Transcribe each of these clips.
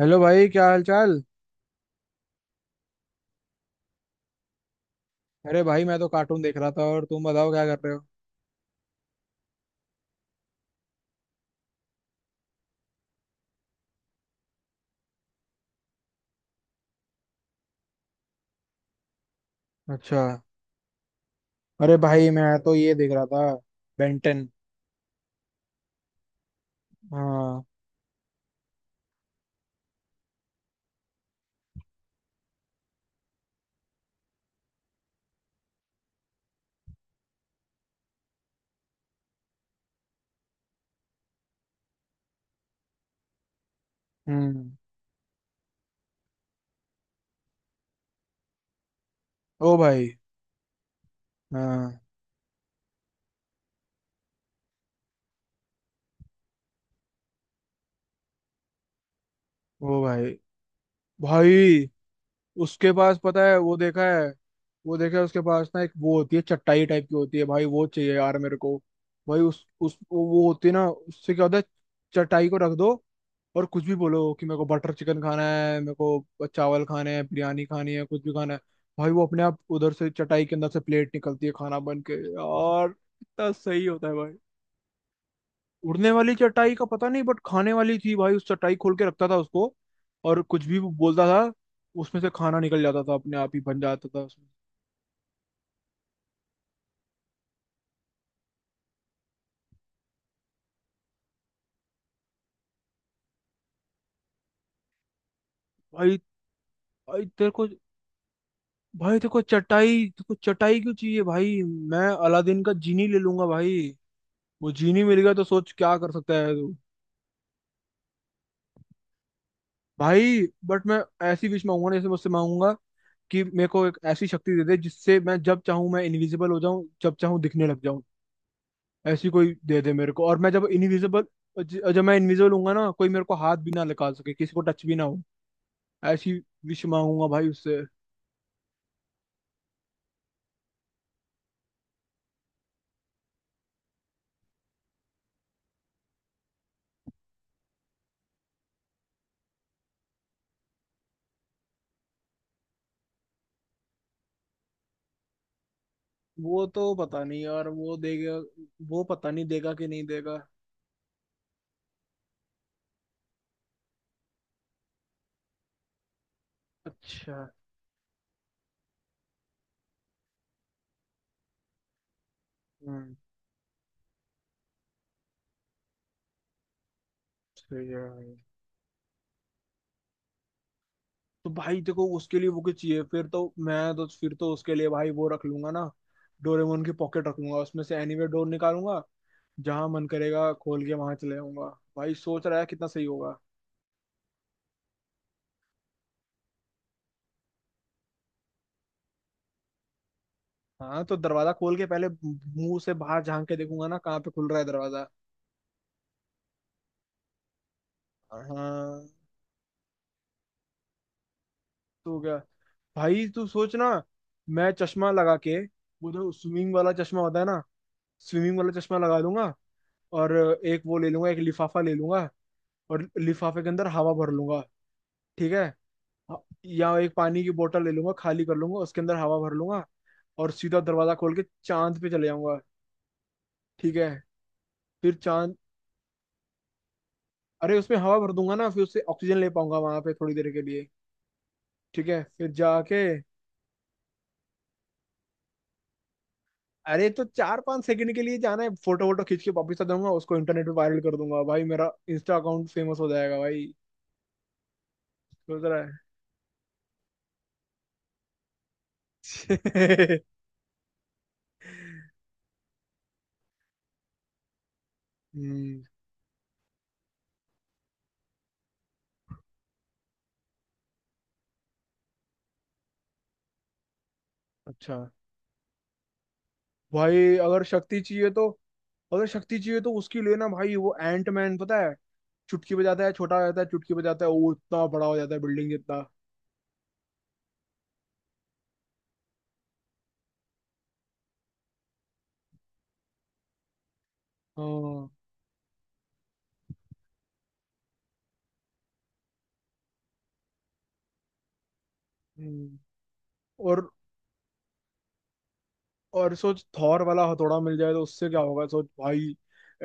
Hello भाई, क्या हाल चाल। अरे भाई, मैं तो कार्टून देख रहा था। और तुम बताओ क्या कर रहे हो। अच्छा। अरे भाई, मैं तो ये देख रहा था। बेंटन। हाँ। हम्म। ओ भाई। हाँ। ओ भाई। भाई उसके पास पता है, वो देखा है। वो देखा है उसके पास ना, एक वो होती है चटाई टाइप की होती है भाई, वो चाहिए यार मेरे को। भाई उस वो होती है ना, उससे क्या होता है। चटाई को रख दो और कुछ भी बोलो कि मेरे को बटर चिकन खाना है, मेरे को चावल खाने हैं, बिरयानी खानी है, कुछ भी खाना है। भाई वो अपने आप उधर से चटाई के अंदर से प्लेट निकलती है, खाना बन के। यार कितना सही होता है भाई। उड़ने वाली चटाई का पता नहीं, बट खाने वाली थी भाई। उस चटाई खोल के रखता था उसको और कुछ भी बोलता था, उसमें से खाना निकल जाता था, अपने आप ही बन जाता था उसमें। भाई। भाई तेरे को, भाई तेरे को चटाई, तेरे को चटाई क्यों चाहिए भाई। मैं अलादीन का जीनी ले लूंगा भाई। वो जीनी मिल गया तो सोच क्या कर सकता है तू। भाई बट मैं ऐसी विश मांगूंगा ना, जैसे मुझसे मांगूंगा कि मेरे को एक ऐसी शक्ति दे दे जिससे मैं जब चाहूं मैं इनविजिबल हो जाऊं, जब चाहूं दिखने लग जाऊं। ऐसी कोई दे दे मेरे को। और मैं जब इनविजिबल, जब मैं इनविजिबल हूंगा ना, कोई मेरे को हाथ भी ना लगा सके, किसी को टच भी ना हो। ऐसी विश मांगूंगा भाई उससे। वो तो पता नहीं यार वो देगा। वो पता नहीं देगा कि नहीं देगा। अच्छा। हम्म। सही है भाई। तो भाई देखो उसके लिए वो क्या चाहिए। फिर तो मैं तो, फिर तो उसके लिए भाई वो रख लूंगा ना, डोरेमोन की पॉकेट रख लूंगा। उसमें से एनीवे डोर निकालूंगा, जहां मन करेगा खोल के वहां चले जाऊंगा। भाई सोच रहा है कितना सही होगा। हाँ, तो दरवाजा खोल के पहले मुंह से बाहर झांक के देखूंगा ना कहाँ पे खुल रहा है दरवाजा। हाँ। तो क्या भाई, तू सोच ना। मैं चश्मा लगा के, वो जो स्विमिंग वाला चश्मा होता है ना, स्विमिंग वाला चश्मा लगा लूंगा। और एक वो ले लूंगा, एक लिफाफा ले लूंगा और लिफाफे के अंदर हवा भर लूंगा। ठीक है। या एक पानी की बोतल ले लूंगा, खाली कर लूंगा, उसके अंदर हवा भर लूंगा और सीधा दरवाजा खोल के चांद पे चले जाऊंगा। ठीक है। फिर चांद। अरे उसमें हवा भर दूंगा ना, फिर उससे ऑक्सीजन ले पाऊंगा वहां पे थोड़ी देर के लिए। ठीक है फिर जाके। अरे तो 4-5 सेकंड के लिए जाना है। फोटो वोटो खींच के वापिस आ जाऊंगा, उसको इंटरनेट पे वायरल कर दूंगा भाई। मेरा इंस्टा अकाउंट फेमस हो जाएगा भाई। सोच रहा है। हम्म। अच्छा। भाई अगर शक्ति चाहिए तो, अगर शक्ति चाहिए तो उसकी लेना भाई, वो एंट मैन पता है। चुटकी बजाता है छोटा हो जाता है, चुटकी बजाता है वो इतना बड़ा हो जाता है, बिल्डिंग जितना। हाँ। हम्म। और और सोच थॉर वाला हथौड़ा मिल जाए तो उससे क्या होगा, सोच भाई।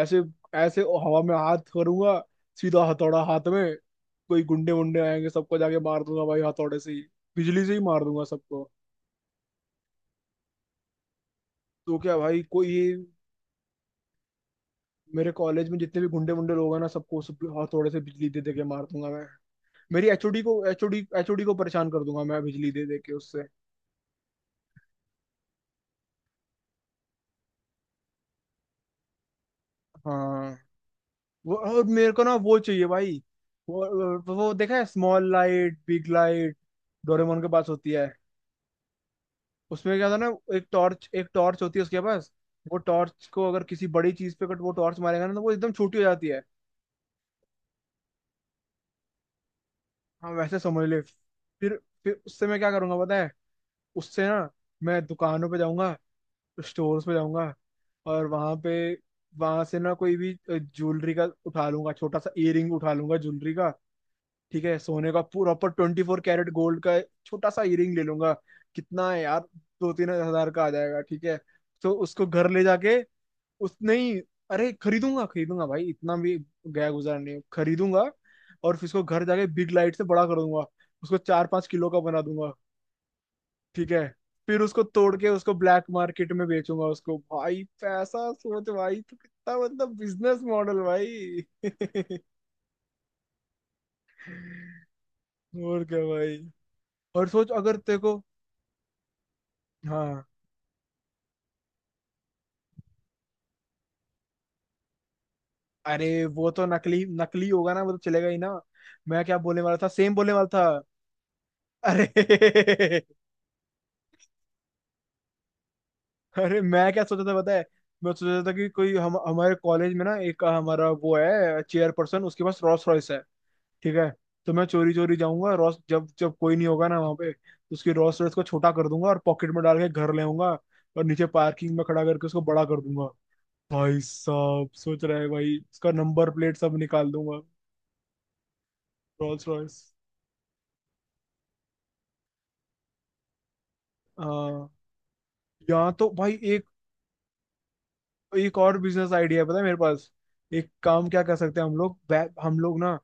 ऐसे, ऐसे हवा में हाथ करूंगा, सीधा हथौड़ा हाथ में। कोई गुंडे वुंडे आएंगे सबको जाके मार दूंगा भाई हथौड़े से ही। बिजली से ही मार दूंगा सबको। तो क्या भाई कोई ये। मेरे कॉलेज में जितने भी गुंडे वुंडे लोग हैं ना, सबको, सब हथौड़े से बिजली दे दे के मार दूंगा मैं। मेरी एचओडी को, एचओडी एचओडी को परेशान कर दूंगा मैं बिजली दे दे के उससे। हाँ। वो और मेरे को ना वो चाहिए भाई। वो देखा है small light big light, Doraemon के पास होती है। उसमें क्या था ना, एक टॉर्च, एक टॉर्च होती है उसके पास। वो टॉर्च को अगर किसी बड़ी चीज पे अगर वो टॉर्च मारेगा ना, तो वो एकदम छोटी हो जाती है। हाँ वैसे समझ ले, फिर उससे मैं क्या करूंगा पता है। उससे ना मैं दुकानों पे जाऊंगा, स्टोर्स पे जाऊंगा और वहां पे, वहां से ना कोई भी ज्वेलरी का उठा लूंगा, छोटा सा ईयरिंग उठा लूंगा ज्वेलरी का। ठीक है, सोने का प्रॉपर 24 कैरेट गोल्ड का। छोटा सा ईयरिंग ले लूंगा। कितना है यार, 2-3 हजार का आ जाएगा। ठीक है। तो उसको घर ले जाके, उस नहीं, अरे खरीदूंगा खरीदूंगा भाई, इतना भी गया गुजार नहीं। खरीदूंगा। और फिर उसको घर जाके बिग लाइट से बड़ा कर दूंगा, उसको 4-5 किलो का बना दूंगा। ठीक है। फिर उसको तोड़ के उसको ब्लैक मार्केट में बेचूंगा उसको। भाई पैसा सोच भाई, तो कितना मतलब बिजनेस मॉडल भाई। और क्या भाई। और सोच अगर तेरे को। हाँ। अरे वो तो नकली, नकली होगा ना, वो तो चलेगा ही ना। मैं क्या बोलने वाला था, सेम बोलने वाला था। अरे। अरे मैं क्या सोचा था पता है। मैं सोचा था कि कोई हम, हमारे कॉलेज में ना एक हमारा वो है चेयर पर्सन, उसके पास रोल्स रॉयस है। ठीक है। तो मैं चोरी चोरी जाऊंगा, रोस, जब जब कोई नहीं होगा ना वहां पे, तो उसकी रोल्स रॉयस को छोटा कर दूंगा और पॉकेट में डाल के घर ले आऊंगा। और नीचे पार्किंग में खड़ा करके उसको बड़ा कर दूंगा। भाई साहब सोच रहा है भाई, उसका नंबर प्लेट सब निकाल दूंगा। Rolls Royce. हाँ। यहाँ तो भाई, एक और बिजनेस आइडिया पता है मेरे पास। एक काम क्या कर सकते हैं हम लोग, हम लोग ना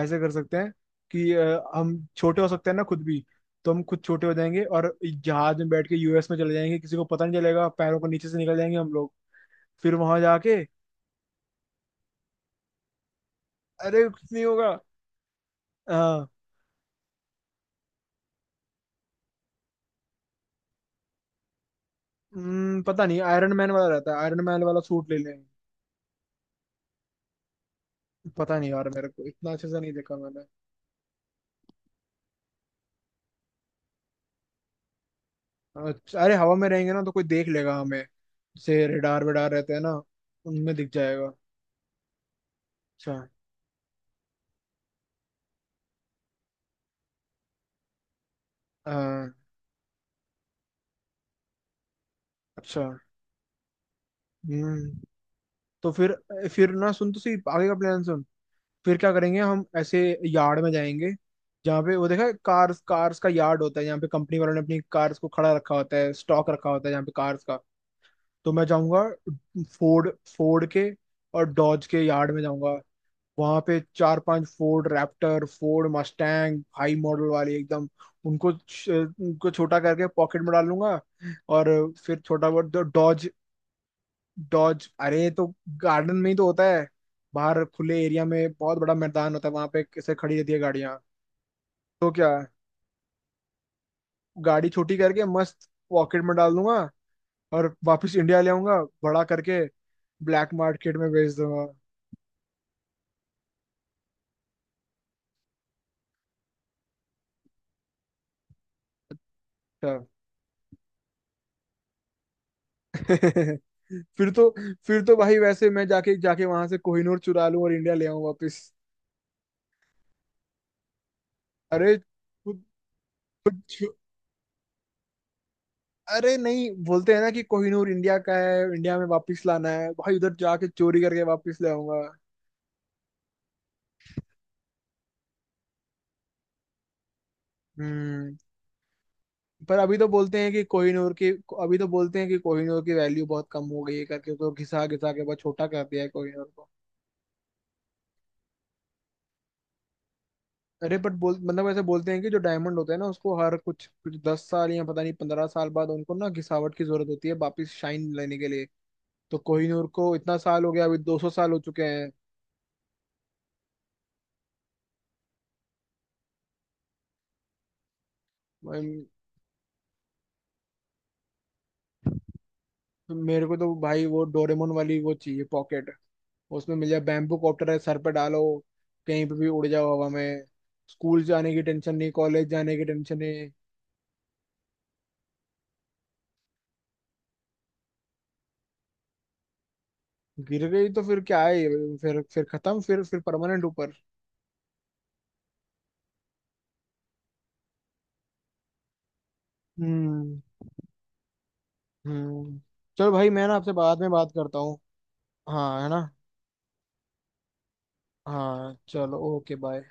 ऐसे कर सकते हैं कि हम छोटे हो सकते हैं ना खुद भी। तो हम खुद छोटे हो जाएंगे और जहाज में बैठ के यूएस में चले जाएंगे, किसी को पता नहीं चलेगा, पैरों को नीचे से निकल जाएंगे हम लोग। फिर वहां जाके। अरे कुछ नहीं होगा। हाँ। पता नहीं आयरन मैन वाला रहता है, आयरन मैन वाला सूट ले लेंगे। पता नहीं यार, मेरे को इतना अच्छे से नहीं देखा मैंने। अच्छा, अरे हवा में रहेंगे ना तो कोई देख लेगा हमें, जैसे रेडार वेडार रहते हैं ना, उनमें दिख जाएगा। अच्छा। हाँ। अच्छा। हम्म। तो फिर ना सुन तो सही, आगे का प्लान सुन। फिर क्या करेंगे हम, ऐसे यार्ड में जाएंगे, जहाँ पे वो देखा है कार्स, कार्स का यार्ड होता है जहाँ पे कंपनी वालों ने अपनी कार्स को खड़ा रखा होता है, स्टॉक रखा होता है जहाँ पे कार्स का। तो मैं जाऊंगा फोर्ड, फोर्ड के और डॉज के यार्ड में जाऊंगा। वहां पे 4-5 Ford Raptor, Ford Mustang, high model वाले एकदम, उनको छोटा करके पॉकेट में डाल लूंगा। और फिर छोटा बहुत। Dodge, Dodge. अरे तो गार्डन में ही तो होता है, बाहर खुले एरिया में बहुत बड़ा मैदान होता है वहां पे, कैसे खड़ी रहती है गाड़ियाँ। तो क्या, गाड़ी छोटी करके मस्त पॉकेट में डाल दूंगा और वापस इंडिया ले आऊंगा बड़ा करके। ब्लैक मार्केट में बेच दूंगा। अच्छा। फिर तो, फिर तो भाई वैसे मैं जाके, जाके वहां से कोहिनूर चुरा लूं और इंडिया ले आऊं वापस। अरे खुद, खुद छु- अरे नहीं, बोलते हैं ना कि कोहिनूर इंडिया का है, इंडिया में वापस लाना है भाई। उधर जाके चोरी करके वापस ले आऊंगा। हम्म। पर अभी तो बोलते हैं कि कोहिनूर की, अभी तो बोलते हैं कि कोहिनूर की वैल्यू बहुत कम हो गई है करके, तो घिसा घिसा के बहुत छोटा कर दिया है कोहिनूर को। अरे बट बोल, मतलब ऐसे बोलते हैं कि जो डायमंड होते हैं ना, उसको हर कुछ कुछ 10 साल या पता नहीं 15 साल बाद उनको ना घिसावट की जरूरत होती है वापिस शाइन लेने के लिए। तो कोहिनूर को इतना साल हो गया, अभी 200 साल हो चुके हैं। अम, मेरे को तो भाई वो डोरेमोन वाली वो चाहिए, पॉकेट। उसमें मिल जाए बैम्बू कॉप्टर है, सर पे डालो, कहीं पे भी उड़ जाओ हवा में। स्कूल जाने की टेंशन नहीं, कॉलेज जाने की टेंशन नहीं। गिर गई तो फिर क्या है, फिर खत्म, फिर परमानेंट ऊपर। हम्म। हम्म। चलो भाई, मैं ना आपसे बाद में बात करता हूँ। हाँ है ना। हाँ चलो, ओके, बाय।